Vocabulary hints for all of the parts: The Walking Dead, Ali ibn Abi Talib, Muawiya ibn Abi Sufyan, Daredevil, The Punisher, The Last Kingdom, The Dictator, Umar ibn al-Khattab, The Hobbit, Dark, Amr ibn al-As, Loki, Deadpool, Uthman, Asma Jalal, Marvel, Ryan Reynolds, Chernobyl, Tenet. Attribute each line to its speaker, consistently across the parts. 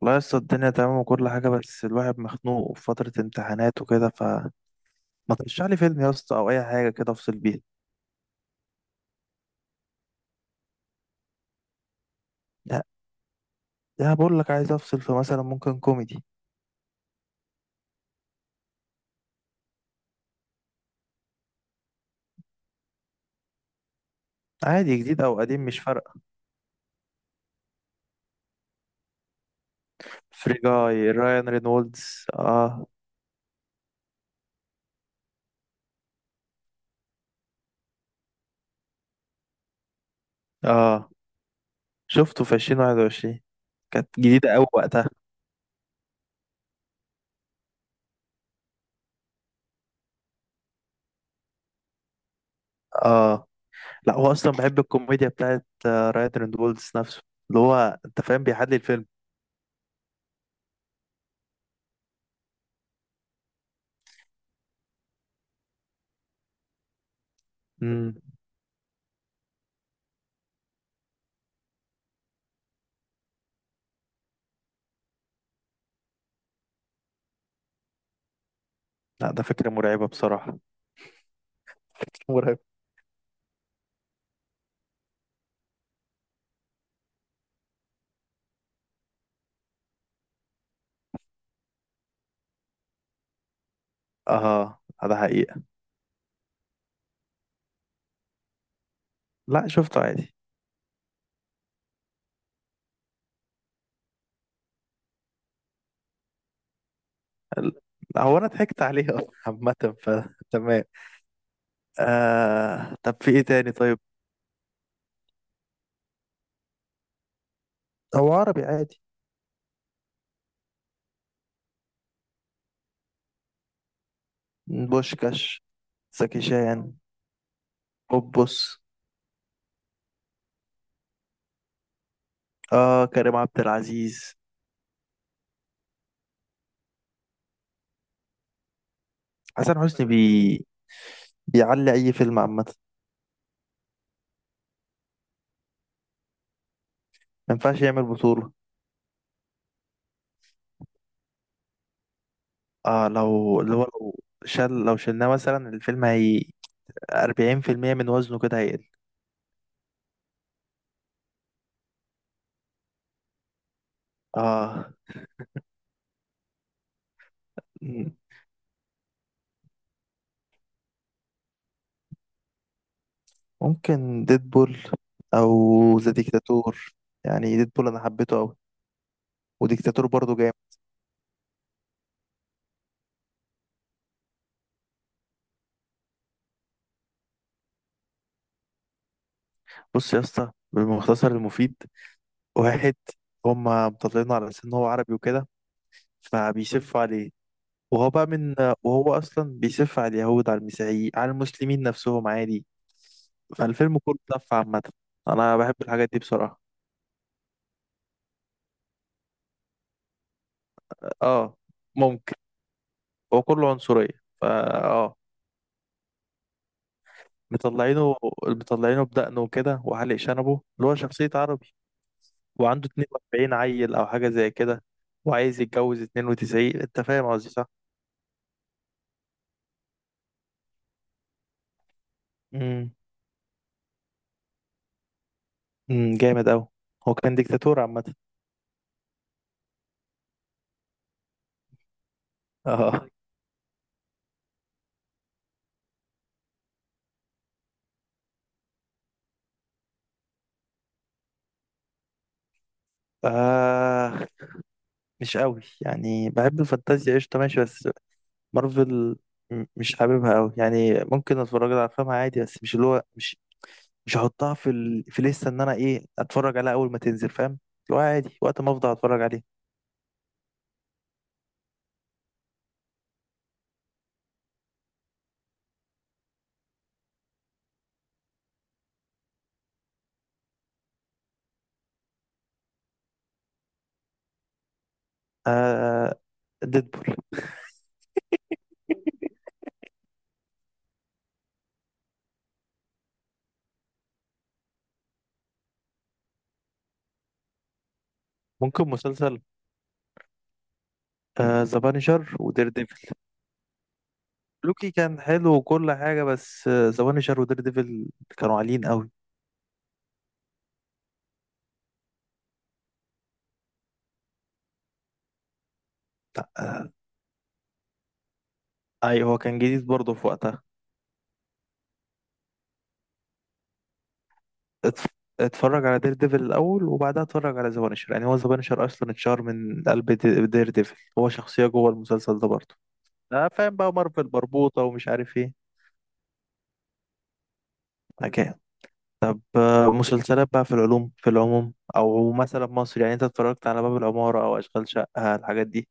Speaker 1: والله لسه الدنيا تمام وكل حاجة، بس الواحد مخنوق في فترة امتحانات وكده. فما ترشح لي فيلم يا اسطى أو أي حاجة كده أفصل بيها؟ لا، ده بقول لك عايز أفصل في، مثلا ممكن كوميدي. عادي، جديد أو قديم مش فارقة. فري جاي رايان رينولدز، آه. آه، شفته في 2021. كانت جديدة أوي وقتها. آه. لا، هو أصلا بحب الكوميديا بتاعت رايان رينولدز نفسه، اللي هو أنت فاهم بيحلي الفيلم. مم. لا، ده فكرة مرعبة بصراحة. مرعب. اه، ده حقيقة. لا، شفته عادي. ال- هو انا ضحكت عليه اصلا عامة، فتمام. طب في ايه تاني؟ طيب. هو عربي عادي. بوشكاش. زكي شان. بوبوس. اه، كريم عبد العزيز. حسن حسني بيعلي اي فيلم عامة. ما ينفعش يعمل بطولة. اه، لو اللي هو لو شل لو شلناه مثلا الفيلم، هي 40% من وزنه كده هيقل. اه، م- ممكن ديدبول، او ذا ديكتاتور. يعني ديدبول انا حبيته قوي، وديكتاتور برضو. بص يا اسطى، بالمختصر المفيد. واحد. هما مطلعينه على أساس إن هو عربي وكده، فبيسف عليه. وهو بقى من. وهو أصلا بيسف على اليهود، على المسيحيين، على المسلمين نفسهم عادي. فالفيلم كله سف عامة. أنا بحب الحاجات دي بصراحة. اه، ممكن. هو كله عنصرية، فا اه مطلعينه مطلعينه بدقنه وكده وحالق شنبه، اللي هو شخصية عربي. وعنده 42 عيل أو حاجة زي كده، وعايز يتجوز 92. أنت فاهم قصدي، صح؟ مم. جامد أوي. هو كان ديكتاتور عامة. اه آه مش قوي، يعني بحب الفانتازيا، قشطة ماشي. بس مارفل مش حاببها قوي، يعني ممكن اتفرج على افلامها عادي بس مش اللي هو مش. مش هحطها في لسه ان انا ايه اتفرج عليها اول ما تنزل، فاهم اللي هو عادي وقت ما افضل اتفرج عليه. آه، ديدبول. ممكن مسلسل. آه، ذا بانشر ودير ديفل. لوكي كان حلو وكل حاجة، بس ذا بانشر ودير ديفل كانوا عاليين قوي. آه. اي هو كان جديد برضه في وقتها. اتف- اتفرج على دير ديفل الاول وبعدها اتفرج على ذا بانشر. يعني هو ذا بانشر اصلا اتشهر من قلب دير ديفل، هو شخصيه جوه المسلسل ده برضه. اه، فاهم بقى، مارفل مربوطه ومش عارف ايه. حكايه. فمسلسلات بقى، في العموم، او مثلا مصر، يعني انت اتفرجت على باب العماره او اشغال شقه، الحاجات دي؟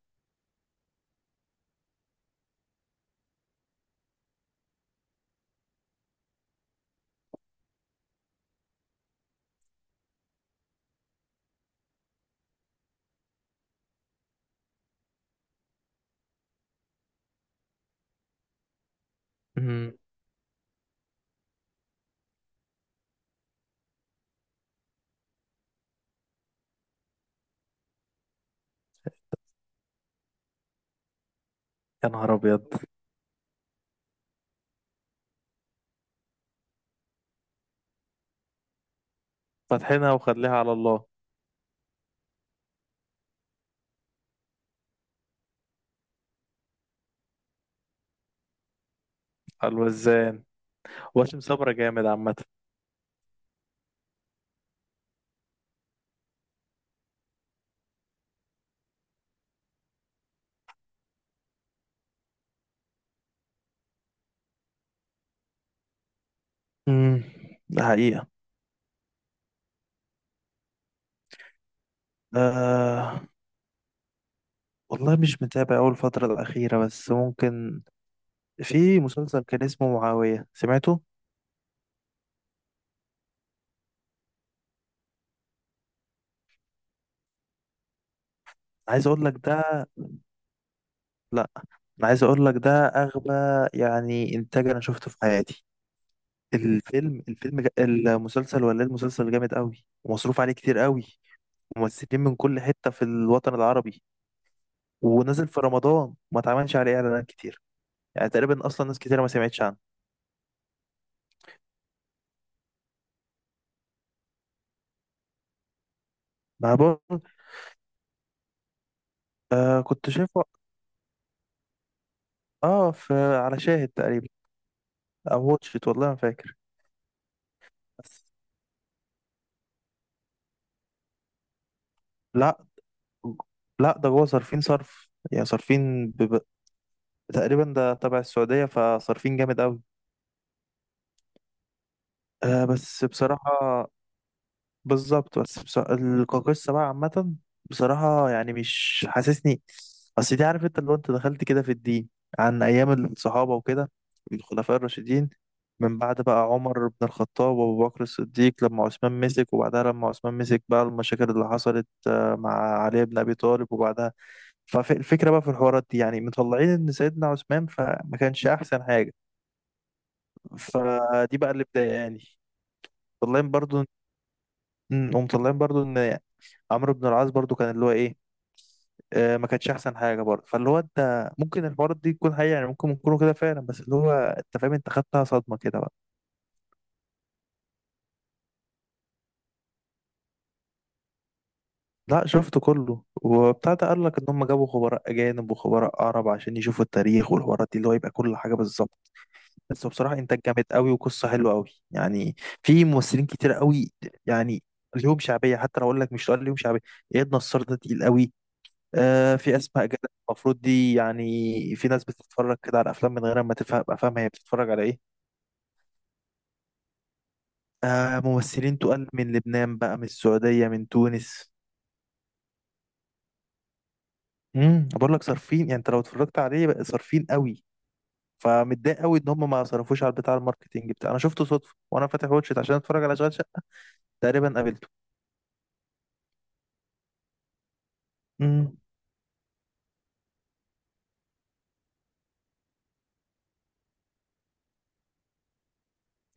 Speaker 1: امم. يا نهار ابيض. فاتحينها وخليها على الله. على الوزان. واشم صبرا جامد عامه. امم ده حقيقه. آه، والله مش متابع أول الفترة الأخيرة، بس ممكن في مسلسل كان اسمه معاوية، سمعته؟ عايز اقول لك ده لا انا عايز اقول لك ده اغبى يعني انتاج انا شفته في حياتي. المسلسل، ولا إيه، المسلسل جامد قوي ومصروف عليه كتير قوي. ممثلين من كل حتة في الوطن العربي، ونزل في رمضان وما اتعملش عليه اعلانات كتير. يعني تقريبا اصلا ناس كتير ما سمعتش عنه. ما بقول. آه، كنت شايفه. اه، في على شاهد تقريبا، او واتشت والله ما فاكر. بس. لا، لا، ده جوه صارفين صرف، يعني صارفين. تقريبا ده تبع السعودية، فصارفين جامد قوي. آه، بس بصراحة. بالظبط، بس بصراحة القاقصة بقى عامة، بصراحة يعني مش حاسسني. أصل دي، عارف أنت لو أنت دخلت كده في الدين، عن أيام الصحابة وكده، الخلفاء الراشدين. من بعد بقى عمر بن الخطاب وأبو بكر الصديق، لما عثمان مسك. وبعدها لما عثمان مسك بقى المشاكل اللي حصلت مع علي بن أبي طالب وبعدها. فالفكرة بقى في الحوارات دي، يعني مطلعين إن سيدنا عثمان فما كانش أحسن حاجة. فدي بقى اللي بداية، يعني. طالعين برضو. هم طالعين برضو ان عمرو بن العاص برضو كان اللي هو ايه، ما كانش احسن حاجه برضه. فاللي هو انت ممكن الحوارات دي تكون حقيقه، يعني ممكن يكونوا كده فعلا، بس اللي هو انت فاهم انت خدتها صدمه كده بقى. لا، شفته كله وبتاع ده. قال لك ان هم جابوا خبراء اجانب وخبراء عرب عشان يشوفوا التاريخ والحوارات دي، اللي هو يبقى كل حاجه بالظبط. بس هو بصراحه انتاج جامد قوي وقصه حلوه قوي يعني. في ممثلين كتير قوي، يعني ليهم شعبيه. حتى لو اقول لك، مش هقول ليهم شعبيه، اياد نصار ده تقيل قوي. آه، في اسماء جلال. المفروض دي، يعني في ناس بتتفرج كده على الافلام من غير ما تفهم، ابقى فاهمه هي بتتفرج على ايه. ممثلين تقال من لبنان بقى، من السعوديه، من تونس. بقول لك صارفين، يعني انت لو اتفرجت عليه بقى صارفين قوي. فمتضايق قوي ان هم ما صرفوش على بتاع الماركتينج بتاع. انا شفته صدفه، وانا فاتح واتشت عشان اتفرج على اشغال شقه، تقريبا قابلته. امم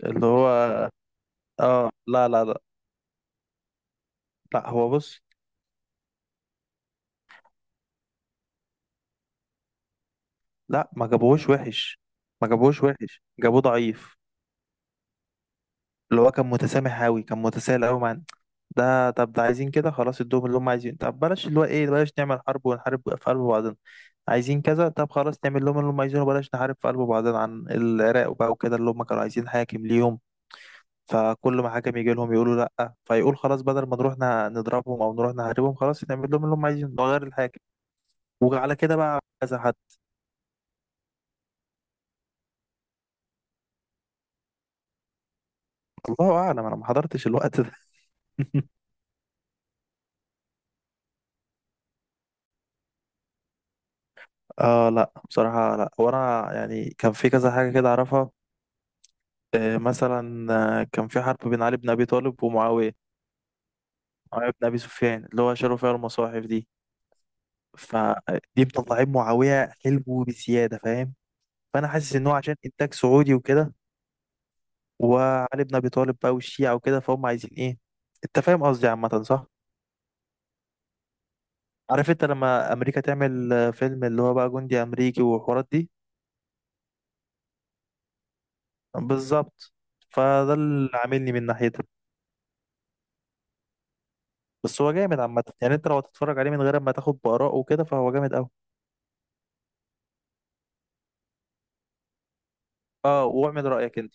Speaker 1: اللي هو اه لا، لا، لا. لا، هو بص. لا، ما جابوهوش وحش. ما جابوهوش وحش، جابوه ضعيف. اللي هو كان متسامح قوي، كان متساهل قوي مع. ده طب ده عايزين كده خلاص، ادوهم اللي هم عايزينه. طب بلاش اللي هو ايه، بلاش نعمل حرب ونحارب في قلب بعضنا. عايزين كذا، طب خلاص نعمل لهم اللي هم عايزينه، بلاش نحارب في قلب بعضنا عن العراق وبقى وكده. اللي هم كانوا عايزين حاكم ليهم، فكل ما حاكم يجي لهم يقولوا لا، فيقول خلاص بدل ما نروح نضربهم او نروح نحاربهم، خلاص نعمل لهم اللي هم عايزينه، نغير الحاكم. وعلى كده بقى كذا حد. الله اعلم، انا ما حضرتش الوقت ده. اه، لا بصراحة، لا، وانا يعني كان في كذا حاجة كده اعرفها. مثلا، كان في حرب بين علي بن ابي طالب ومعاوية، معاوية بن أبي سفيان، اللي هو شالوا فيها المصاحف دي. فدي، مطلعين معاوية حلمه بزيادة، فاهم. فأنا حاسس إن هو عشان إنتاج سعودي وكده. وعلي بن أبي طالب بقى والشيعة وكده، فهم عايزين إيه، أنت فاهم قصدي عامة، صح؟ عارف أنت لما أمريكا تعمل فيلم اللي هو بقى جندي أمريكي والحوارات دي. بالظبط. فده اللي عاملني من ناحيتها. بس هو جامد عامة يعني، أنت لو هتتفرج عليه من غير ما تاخد بآراء وكده فهو جامد أوي. أه، واعمل رأيك أنت.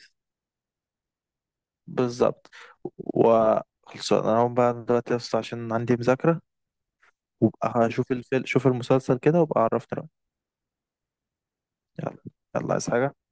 Speaker 1: بالظبط. وخلصان، انا هقوم بقى دلوقتي بس عشان عندي مذاكرة. وابقى هشوف الفيلم شوف المسلسل كده، وابقى عرفني رأيك. يلا. يلا، عايز حاجة؟